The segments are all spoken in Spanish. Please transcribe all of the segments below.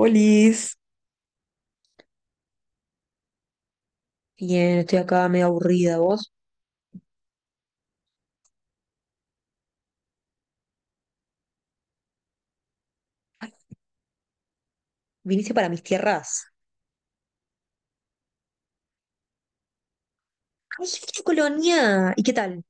Olis. Bien, estoy acá medio aburrida. ¿Vos? Ay, viniste para mis tierras. ¡Ay, qué colonia! ¿Y qué tal?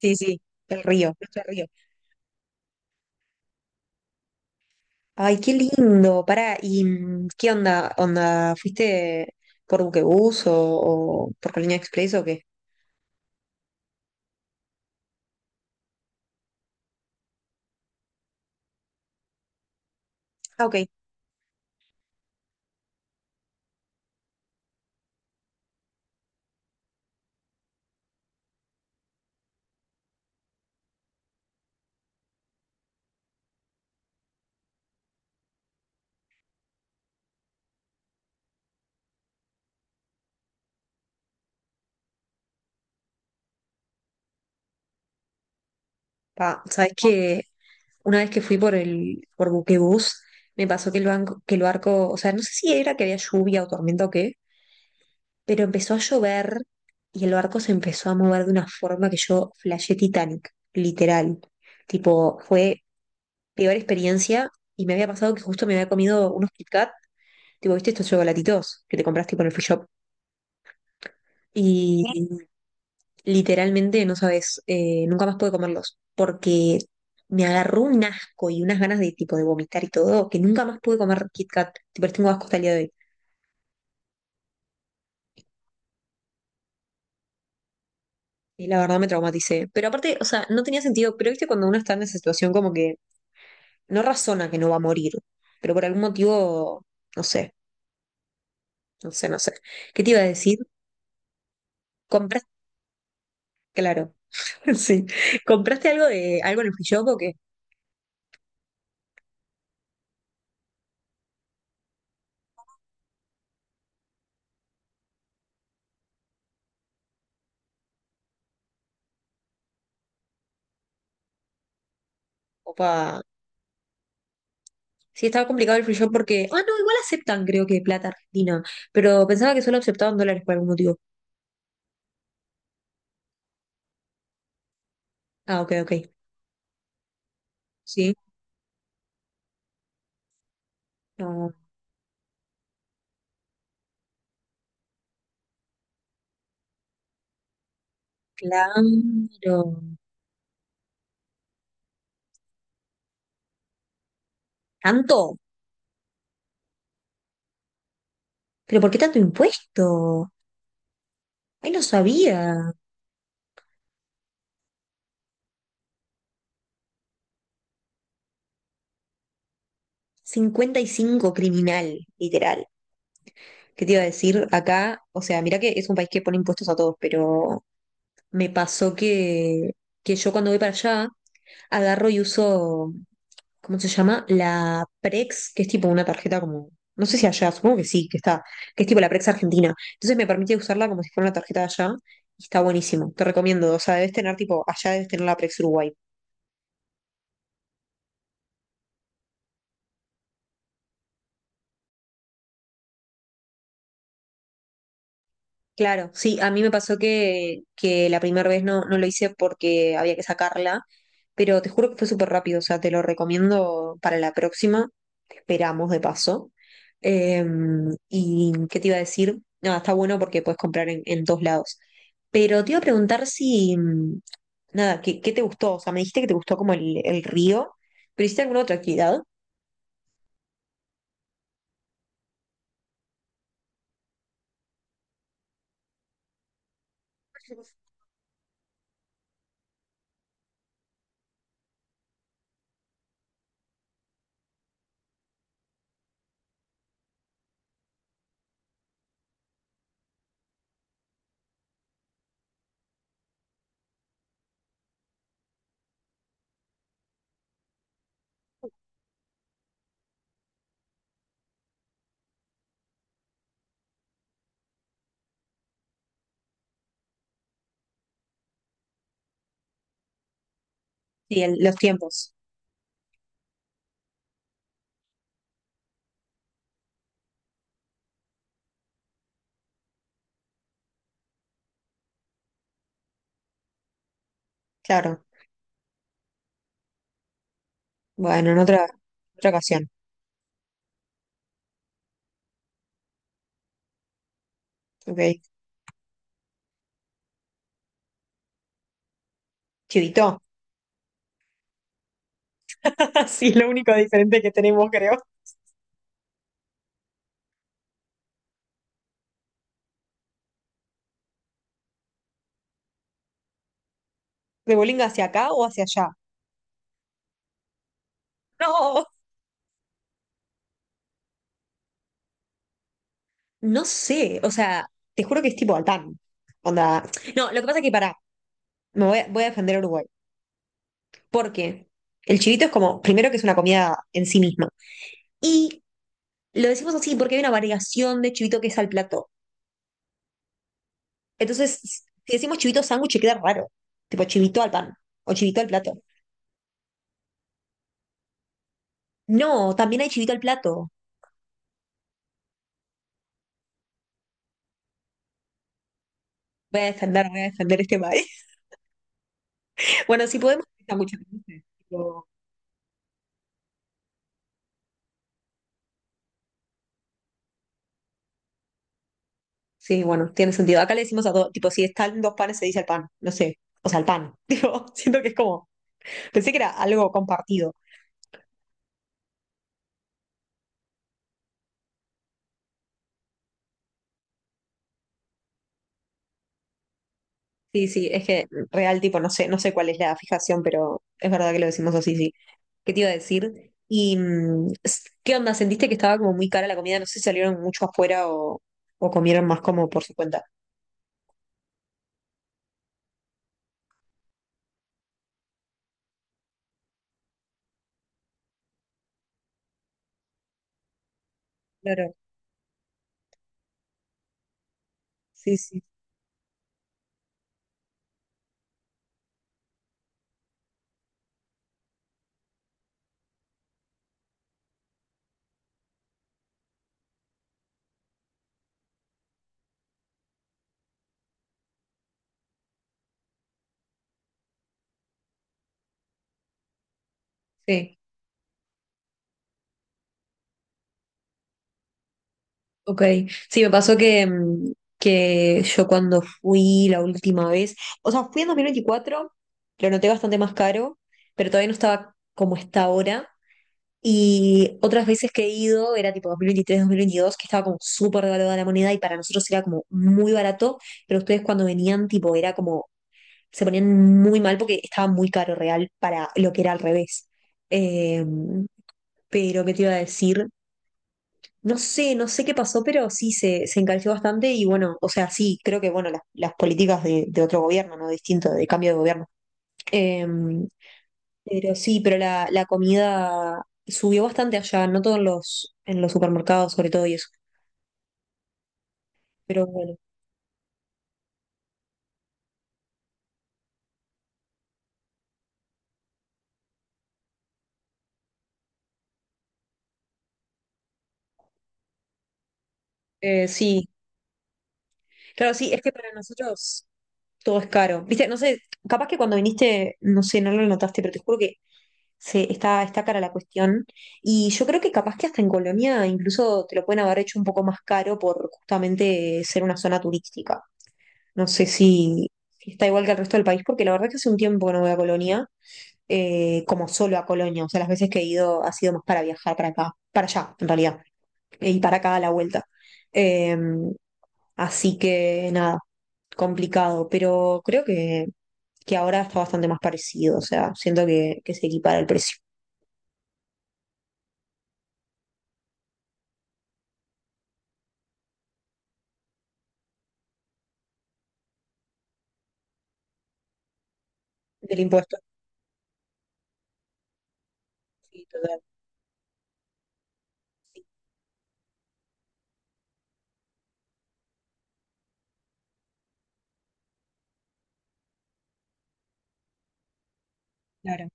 Sí, sí, el río, nuestro río. Ay, qué lindo. Pará, ¿y qué onda? ¿Onda? ¿Fuiste por buquebús o por Colonia Express o qué? Ah, ok. Pa, ¿sabes que una vez que fui por el por buquebús, me pasó que el banco, que el barco, o sea, no sé si era que había lluvia o tormenta o qué, pero empezó a llover y el barco se empezó a mover de una forma que yo flashé Titanic, literal. Tipo, fue peor experiencia y me había pasado que justo me había comido unos Kit Kat, tipo, ¿viste estos chocolatitos que te compraste con el free shop? Y literalmente no sabes, nunca más pude comerlos porque me agarró un asco y unas ganas de tipo de vomitar y todo, que nunca más pude comer Kit Kat, tipo, les tengo asco hasta el día de hoy. Y la verdad me traumaticé. Pero aparte, o sea, no tenía sentido, pero viste cuando uno está en esa situación como que no razona que no va a morir, pero por algún motivo, no sé, no sé. ¿Qué te iba a decir? Compraste, claro, sí, ¿compraste algo de algo en el free shop o qué? Opa, sí, estaba complicado el free shop porque. Ah, no, igual aceptan, creo que plata argentina. Pero pensaba que solo aceptaban dólares por algún motivo. Ah, ok, ok. Sí. No, claro. ¿Tanto? ¿Pero por qué tanto impuesto? Ay, no sabía. Cincuenta y cinco criminal, literal. ¿Qué te iba a decir acá? O sea, mira que es un país que pone impuestos a todos, pero me pasó que yo cuando voy para allá agarro y uso, ¿cómo se llama? La Prex, que es tipo una tarjeta como, no sé si allá, supongo que sí, que está, que es tipo la Prex Argentina. Entonces me permite usarla como si fuera una tarjeta de allá y está buenísimo. Te recomiendo, o sea, debes tener tipo, allá debes tener la Prex Uruguay. Claro, sí, a mí me pasó que la primera vez no, no lo hice porque había que sacarla, pero te juro que fue súper rápido, o sea, te lo recomiendo para la próxima, te esperamos de paso. Eh, ¿Y qué te iba a decir? Nada, está bueno porque puedes comprar en todos lados. Pero te iba a preguntar si, nada, ¿qué, qué te gustó? O sea, me dijiste que te gustó como el río, pero ¿hiciste alguna otra actividad? Sí, el- los tiempos, claro. Bueno, otra ocasión, ok. Chivito. Sí, es lo único diferente que tenemos, creo. ¿De Bolinga hacia acá o hacia allá? No, no sé, o sea, te juro que es tipo Altán. Onda. No, lo que pasa es que pará, voy a defender a Uruguay. Porque el chivito es como, primero que es una comida en sí misma. Y lo decimos así porque hay una variación de chivito que es al plato. Entonces, si decimos chivito sándwich, queda raro. Tipo chivito al pan o chivito al plato. No, también hay chivito al plato. Voy a defender este país. Bueno, si podemos, está mucho dulce, tipo, sí, bueno, tiene sentido. Acá le decimos a dos, tipo, si están dos panes, se dice el pan, no sé. O sea, el pan. Digo, siento que es como. Pensé que era algo compartido. Sí, sí, es que real, tipo, no sé, no sé cuál es la fijación, pero es verdad que lo decimos así, sí. ¿Qué te iba a decir? ¿Y s- qué onda? ¿Sentiste que estaba como muy cara la comida? No sé si salieron mucho afuera o comieron más como por su cuenta. Claro, sí, sí. Sí. Ok, sí, me pasó que, que yo cuando fui la última vez, o sea, fui en 2024, lo noté bastante más caro, pero todavía no estaba como está ahora. Y otras veces que he ido, era tipo 2023, 2022, que estaba como súper devaluada la moneda y para nosotros era como muy barato, pero ustedes cuando venían, tipo, era como, se ponían muy mal porque estaba muy caro real para lo que era al revés. Em, pero, ¿qué te iba a decir? No sé, no sé qué pasó, pero sí se encareció bastante y bueno, o sea, sí, creo que bueno, las políticas de otro gobierno, ¿no? Distinto, de cambio de gobierno. Eh, pero sí, pero la comida subió bastante allá, no todos los, en los supermercados sobre todo y eso. Pero bueno, sí, claro, sí, es que para nosotros todo es caro. Viste, no sé, capaz que cuando viniste, no sé, no lo notaste, pero te juro que se, está, está cara la cuestión. Y yo creo que capaz que hasta en Colonia incluso te lo pueden haber hecho un poco más caro por justamente ser una zona turística. No sé si, si está igual que el resto del país, porque la verdad es que hace un tiempo que no voy a Colonia, como solo a Colonia. O sea, las veces que he ido ha sido más para viajar para acá, para allá, en realidad, e y para acá a la vuelta. Eh, así que nada, complicado, pero creo que ahora está bastante más parecido. O sea, siento que se equipara el precio del impuesto. Sí, total. Sí, claro.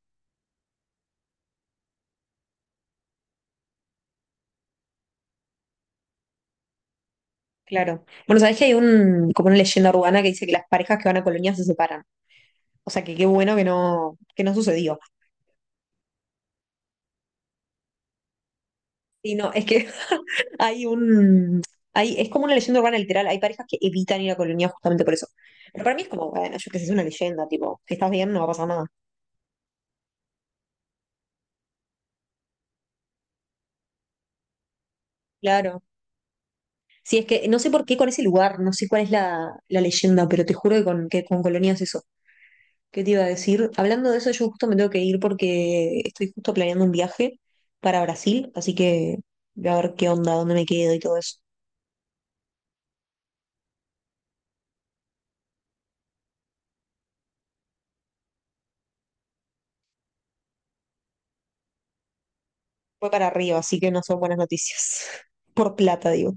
Claro. Bueno, sabés que hay un, como una leyenda urbana que dice que las parejas que van a Colonia se separan. O sea que qué bueno que no sucedió. Y no, es que hay un. Hay, es como una leyenda urbana literal. Hay parejas que evitan ir a Colonia justamente por eso. Pero para mí es como, bueno, yo qué sé, es una leyenda, tipo, si estás bien no va a pasar nada. Claro. Sí, es que no sé por qué con ese lugar, no sé cuál es la, la leyenda, pero te juro que con Colonia es eso. ¿Qué te iba a decir? Hablando de eso, yo justo me tengo que ir porque estoy justo planeando un viaje para Brasil, así que voy a ver qué onda, dónde me quedo y todo eso. Fue para Río, así que no son buenas noticias. Por plata, digo.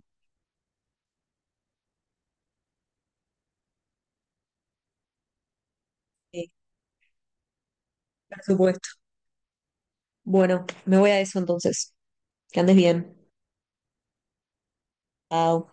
Sí, por supuesto. Bueno, me voy a eso entonces. Que andes bien. Chao.